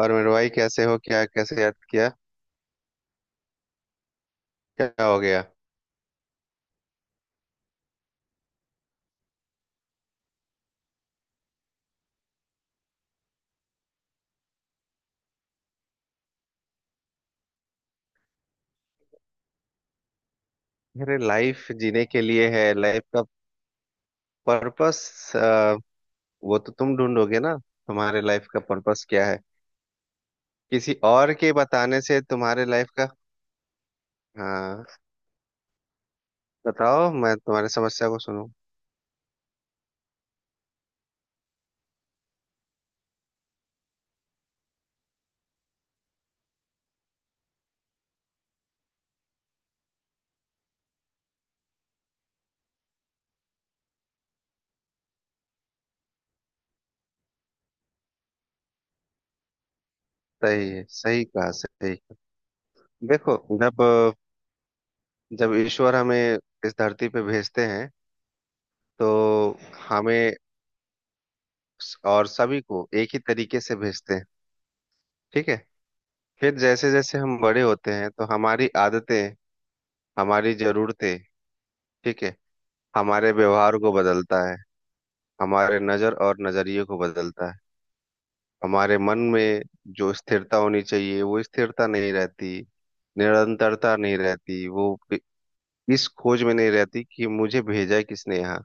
और मेरे भाई कैसे हो? क्या, कैसे याद किया? क्या हो गया? अरे, लाइफ जीने के लिए है। लाइफ का पर्पस वो तो तुम ढूंढोगे ना, तुम्हारे लाइफ का पर्पस क्या है। किसी और के बताने से तुम्हारे लाइफ का... हाँ, बताओ मैं तुम्हारी समस्या को सुनूं। सही है, सही कहा, सही कहा। देखो, जब जब ईश्वर हमें इस धरती पे भेजते हैं, तो हमें और सभी को एक ही तरीके से भेजते हैं। ठीक है। फिर जैसे जैसे हम बड़े होते हैं, तो हमारी आदतें, हमारी जरूरतें, ठीक है, हमारे व्यवहार को बदलता है, हमारे नजर और नजरिए को बदलता है। हमारे मन में जो स्थिरता होनी चाहिए वो स्थिरता नहीं रहती, निरंतरता नहीं रहती। वो इस खोज में नहीं रहती कि मुझे भेजा है किसने यहाँ।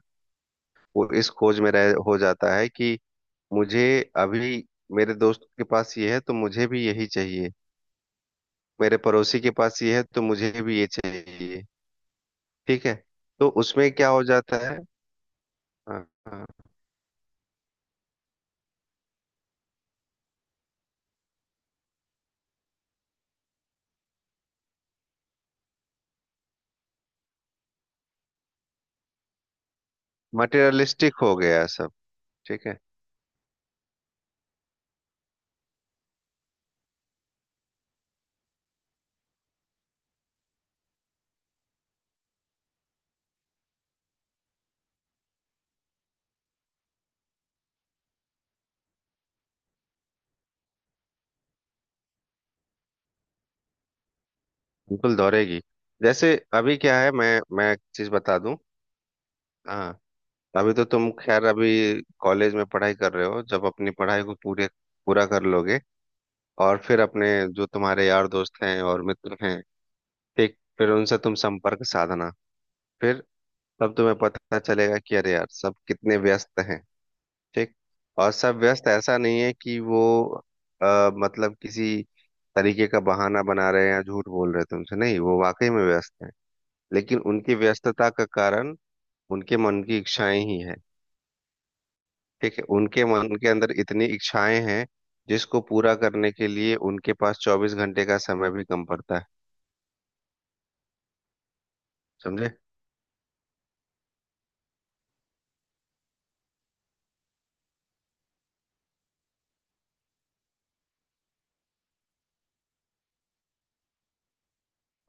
वो इस खोज में रह हो जाता है कि मुझे अभी मेरे दोस्त के पास ये है तो मुझे भी यही चाहिए, मेरे पड़ोसी के पास ये है तो मुझे भी ये चाहिए। ठीक है, तो उसमें क्या हो जाता है? मटेरियलिस्टिक हो गया सब। ठीक है, बिल्कुल दौड़ेगी। जैसे अभी क्या है, मैं एक चीज बता दूं। हाँ, अभी तो तुम, खैर, अभी कॉलेज में पढ़ाई कर रहे हो। जब अपनी पढ़ाई को पूरे पूरा कर लोगे, और फिर अपने जो तुम्हारे यार दोस्त हैं और मित्र हैं, ठीक, फिर उनसे तुम संपर्क साधना। फिर तब तुम्हें पता चलेगा कि अरे यार सब कितने व्यस्त हैं। ठीक। और सब व्यस्त, ऐसा नहीं है कि वो मतलब किसी तरीके का बहाना बना रहे हैं या झूठ बोल रहे हैं तुमसे, नहीं, वो वाकई में व्यस्त हैं। लेकिन उनकी व्यस्तता का कारण उनके मन की इच्छाएं ही हैं। ठीक है, उनके मन के अंदर इतनी इच्छाएं हैं जिसको पूरा करने के लिए उनके पास 24 घंटे का समय भी कम पड़ता है। समझे?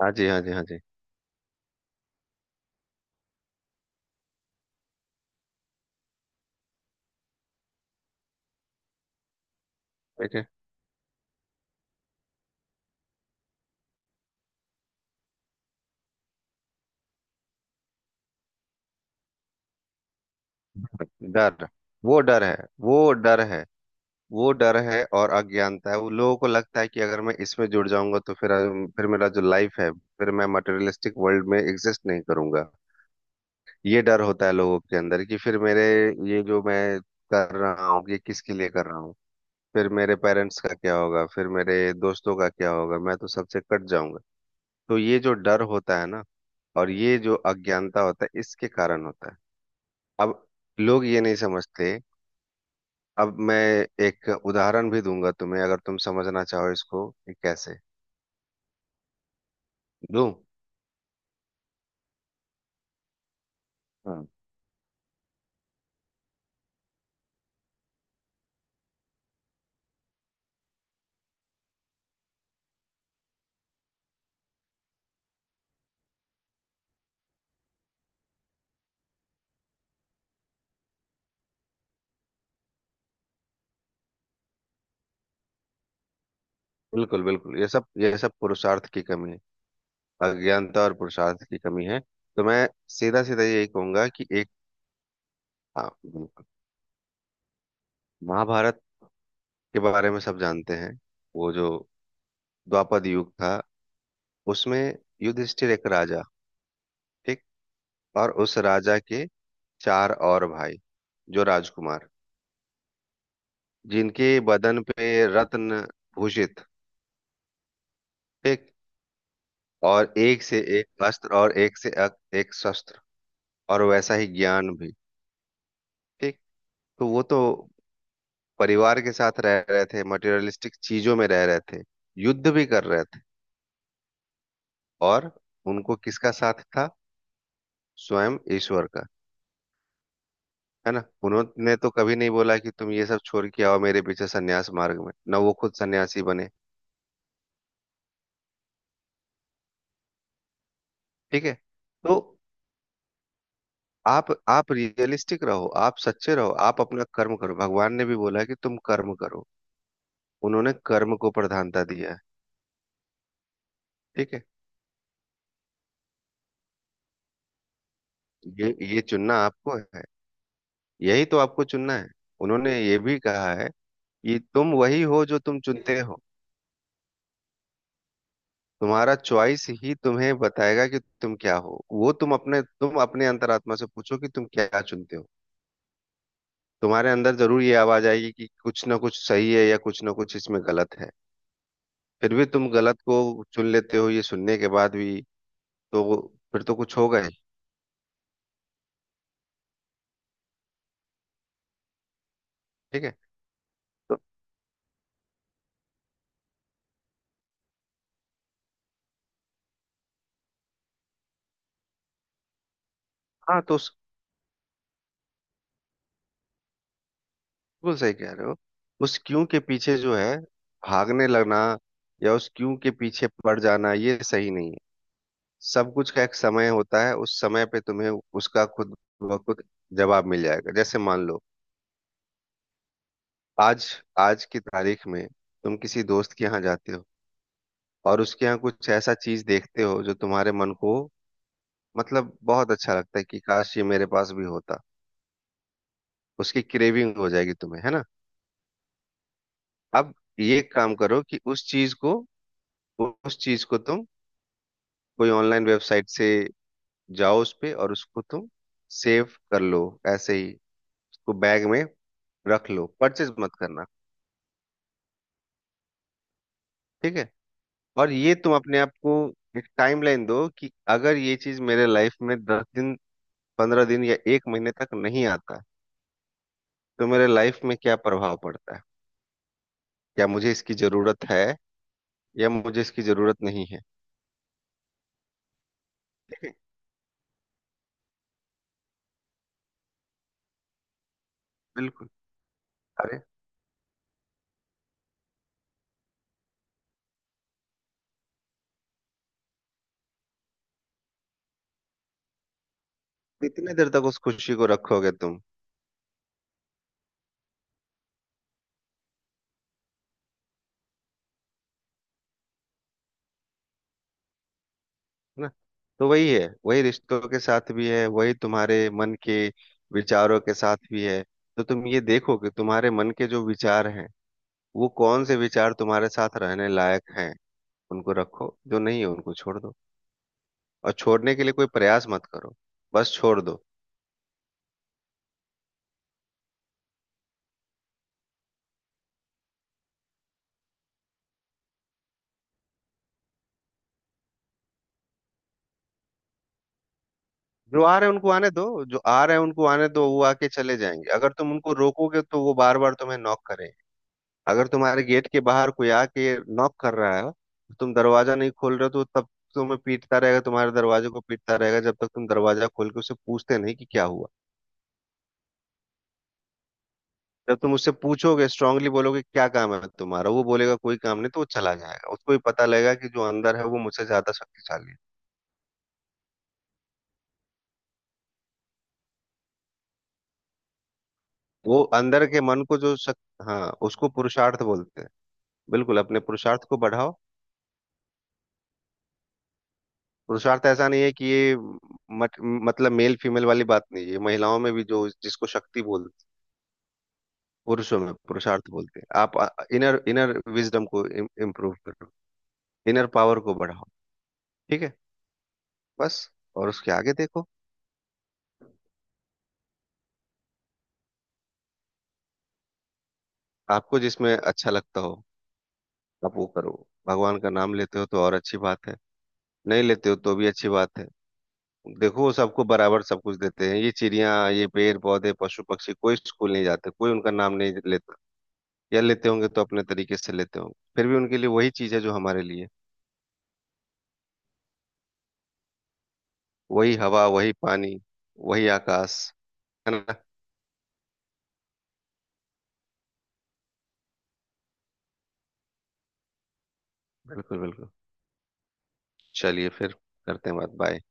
हाँ जी, हाँ जी, हाँ जी। ठीक है। डर, वो डर है, वो डर है, वो डर है, और अज्ञानता है। वो, लोगों को लगता है कि अगर मैं इसमें जुड़ जाऊंगा तो फिर मेरा जो लाइफ है, फिर मैं मटेरियलिस्टिक वर्ल्ड में एग्जिस्ट नहीं करूंगा। ये डर होता है लोगों के अंदर कि फिर मेरे, ये जो मैं कर रहा हूँ ये किसके लिए कर रहा हूँ, फिर मेरे पेरेंट्स का क्या होगा, फिर मेरे दोस्तों का क्या होगा, मैं तो सबसे कट जाऊंगा। तो ये जो डर होता है ना, और ये जो अज्ञानता होता है, इसके कारण होता है। अब लोग ये नहीं समझते। अब मैं एक उदाहरण भी दूंगा तुम्हें, अगर तुम समझना चाहो इसको कि कैसे दूं। हाँ बिल्कुल, बिल्कुल, ये सब, ये सब पुरुषार्थ की कमी है। अज्ञानता और पुरुषार्थ की कमी है। तो मैं सीधा सीधा यही कहूंगा कि एक, हाँ बिल्कुल, महाभारत के बारे में सब जानते हैं। वो जो द्वापर युग था, उसमें युधिष्ठिर एक राजा, ठीक, और उस राजा के चार और भाई जो राजकुमार, जिनके बदन पे रत्न भूषित, ठीक, और एक से एक अस्त्र और एक से एक शस्त्र, और वैसा ही ज्ञान भी। ठीक। तो वो तो परिवार के साथ रह रहे थे, मटेरियलिस्टिक चीजों में रह रहे थे, युद्ध भी कर रहे थे, और उनको किसका साथ था? स्वयं ईश्वर का। है ना, उन्होंने तो कभी नहीं बोला कि तुम ये सब छोड़ के आओ मेरे पीछे सन्यास मार्ग में, ना वो खुद सन्यासी बने। ठीक है, तो आप रियलिस्टिक रहो, आप सच्चे रहो, आप अपना कर्म करो। भगवान ने भी बोला है कि तुम कर्म करो, उन्होंने कर्म को प्रधानता दिया है। ठीक है। ये चुनना आपको है, यही तो आपको चुनना है। उन्होंने ये भी कहा है कि तुम वही हो जो तुम चुनते हो। तुम्हारा चॉइस ही तुम्हें बताएगा कि तुम क्या हो। वो तुम अपने, अंतरात्मा से पूछो कि तुम क्या चुनते हो। तुम्हारे अंदर जरूर ये आवाज आएगी कि कुछ ना कुछ सही है या कुछ ना कुछ इसमें गलत है। फिर भी तुम गलत को चुन लेते हो ये सुनने के बाद भी। तो फिर तो कुछ होगा ही। ठीक है। तो हाँ, तो उस, बिल्कुल सही कह रहे हो। उस क्यों के पीछे जो है, भागने लगना, या उस क्यों के पीछे पड़ जाना ये सही नहीं है। सब कुछ का एक समय होता है, उस समय पे तुम्हें उसका खुद ब खुद जवाब मिल जाएगा। जैसे मान लो, आज, आज की तारीख में तुम किसी दोस्त के यहाँ जाते हो, और उसके यहाँ कुछ ऐसा चीज देखते हो जो तुम्हारे मन को, मतलब बहुत अच्छा लगता है, कि काश ये मेरे पास भी होता। उसकी क्रेविंग हो जाएगी तुम्हें, है ना। अब ये काम करो कि उस चीज को, उस चीज को तुम कोई ऑनलाइन वेबसाइट से, जाओ उस पे और उसको तुम सेव कर लो, ऐसे ही उसको बैग में रख लो, परचेज मत करना। ठीक है। और ये तुम अपने आप को एक टाइमलाइन दो कि अगर ये चीज मेरे लाइफ में 10 दिन, 15 दिन या एक महीने तक नहीं आता है, तो मेरे लाइफ में क्या प्रभाव पड़ता है, क्या मुझे इसकी जरूरत है या मुझे इसकी जरूरत नहीं है। ठीक है, बिल्कुल। अरे, कितने देर तक उस खुशी को रखोगे तुम। है ना। तो वही है, वही रिश्तों के साथ भी है, वही तुम्हारे मन के विचारों के साथ भी है। तो तुम ये देखो कि तुम्हारे मन के जो विचार हैं, वो कौन से विचार तुम्हारे साथ रहने लायक हैं, उनको रखो, जो नहीं है उनको छोड़ दो। और छोड़ने के लिए कोई प्रयास मत करो, बस छोड़ दो। जो आ रहे हैं उनको आने दो, जो आ रहे हैं उनको आने दो, वो आके चले जाएंगे। अगर तुम उनको रोकोगे, तो वो बार बार तुम्हें नॉक करेंगे। अगर तुम्हारे गेट के बाहर कोई आके नॉक कर रहा है, तुम दरवाजा नहीं खोल रहे हो, तो वो तब तुम्हें पीटता रहेगा, तुम्हारे दरवाजे को पीटता रहेगा, जब तक तुम दरवाजा खोल के उससे पूछते नहीं कि क्या हुआ। जब तुम उससे पूछोगे, स्ट्रांगली बोलोगे क्या काम है तुम्हारा, वो बोलेगा कोई काम नहीं, तो वो चला जाएगा, उसको भी पता लगेगा कि जो अंदर है वो मुझसे ज्यादा शक्तिशाली है। वो अंदर के मन को जो शक... हाँ, उसको पुरुषार्थ बोलते हैं। बिल्कुल, अपने पुरुषार्थ को बढ़ाओ। पुरुषार्थ ऐसा नहीं है कि ये मत, मतलब मेल फीमेल वाली बात नहीं है ये, महिलाओं में भी जो जिसको शक्ति बोलते हैं, पुरुषों में पुरुषार्थ बोलते हैं। आप इनर इनर विजडम को इम्प्रूव करो, इनर पावर को बढ़ाओ। ठीक है, बस, और उसके आगे देखो, आपको जिसमें अच्छा लगता हो आप वो करो। भगवान का नाम लेते हो तो और अच्छी बात है, नहीं लेते हो तो भी अच्छी बात है। देखो, वो सबको बराबर सब कुछ देते हैं, ये चिड़िया, ये पेड़ पौधे, पशु पक्षी, कोई स्कूल नहीं जाते, कोई उनका नाम नहीं लेता, या लेते होंगे तो अपने तरीके से लेते होंगे। फिर भी उनके लिए वही चीज है जो हमारे लिए, वही हवा, वही पानी, वही आकाश। है ना, बिल्कुल बिल्कुल, चलिए फिर करते हैं बात। बाय।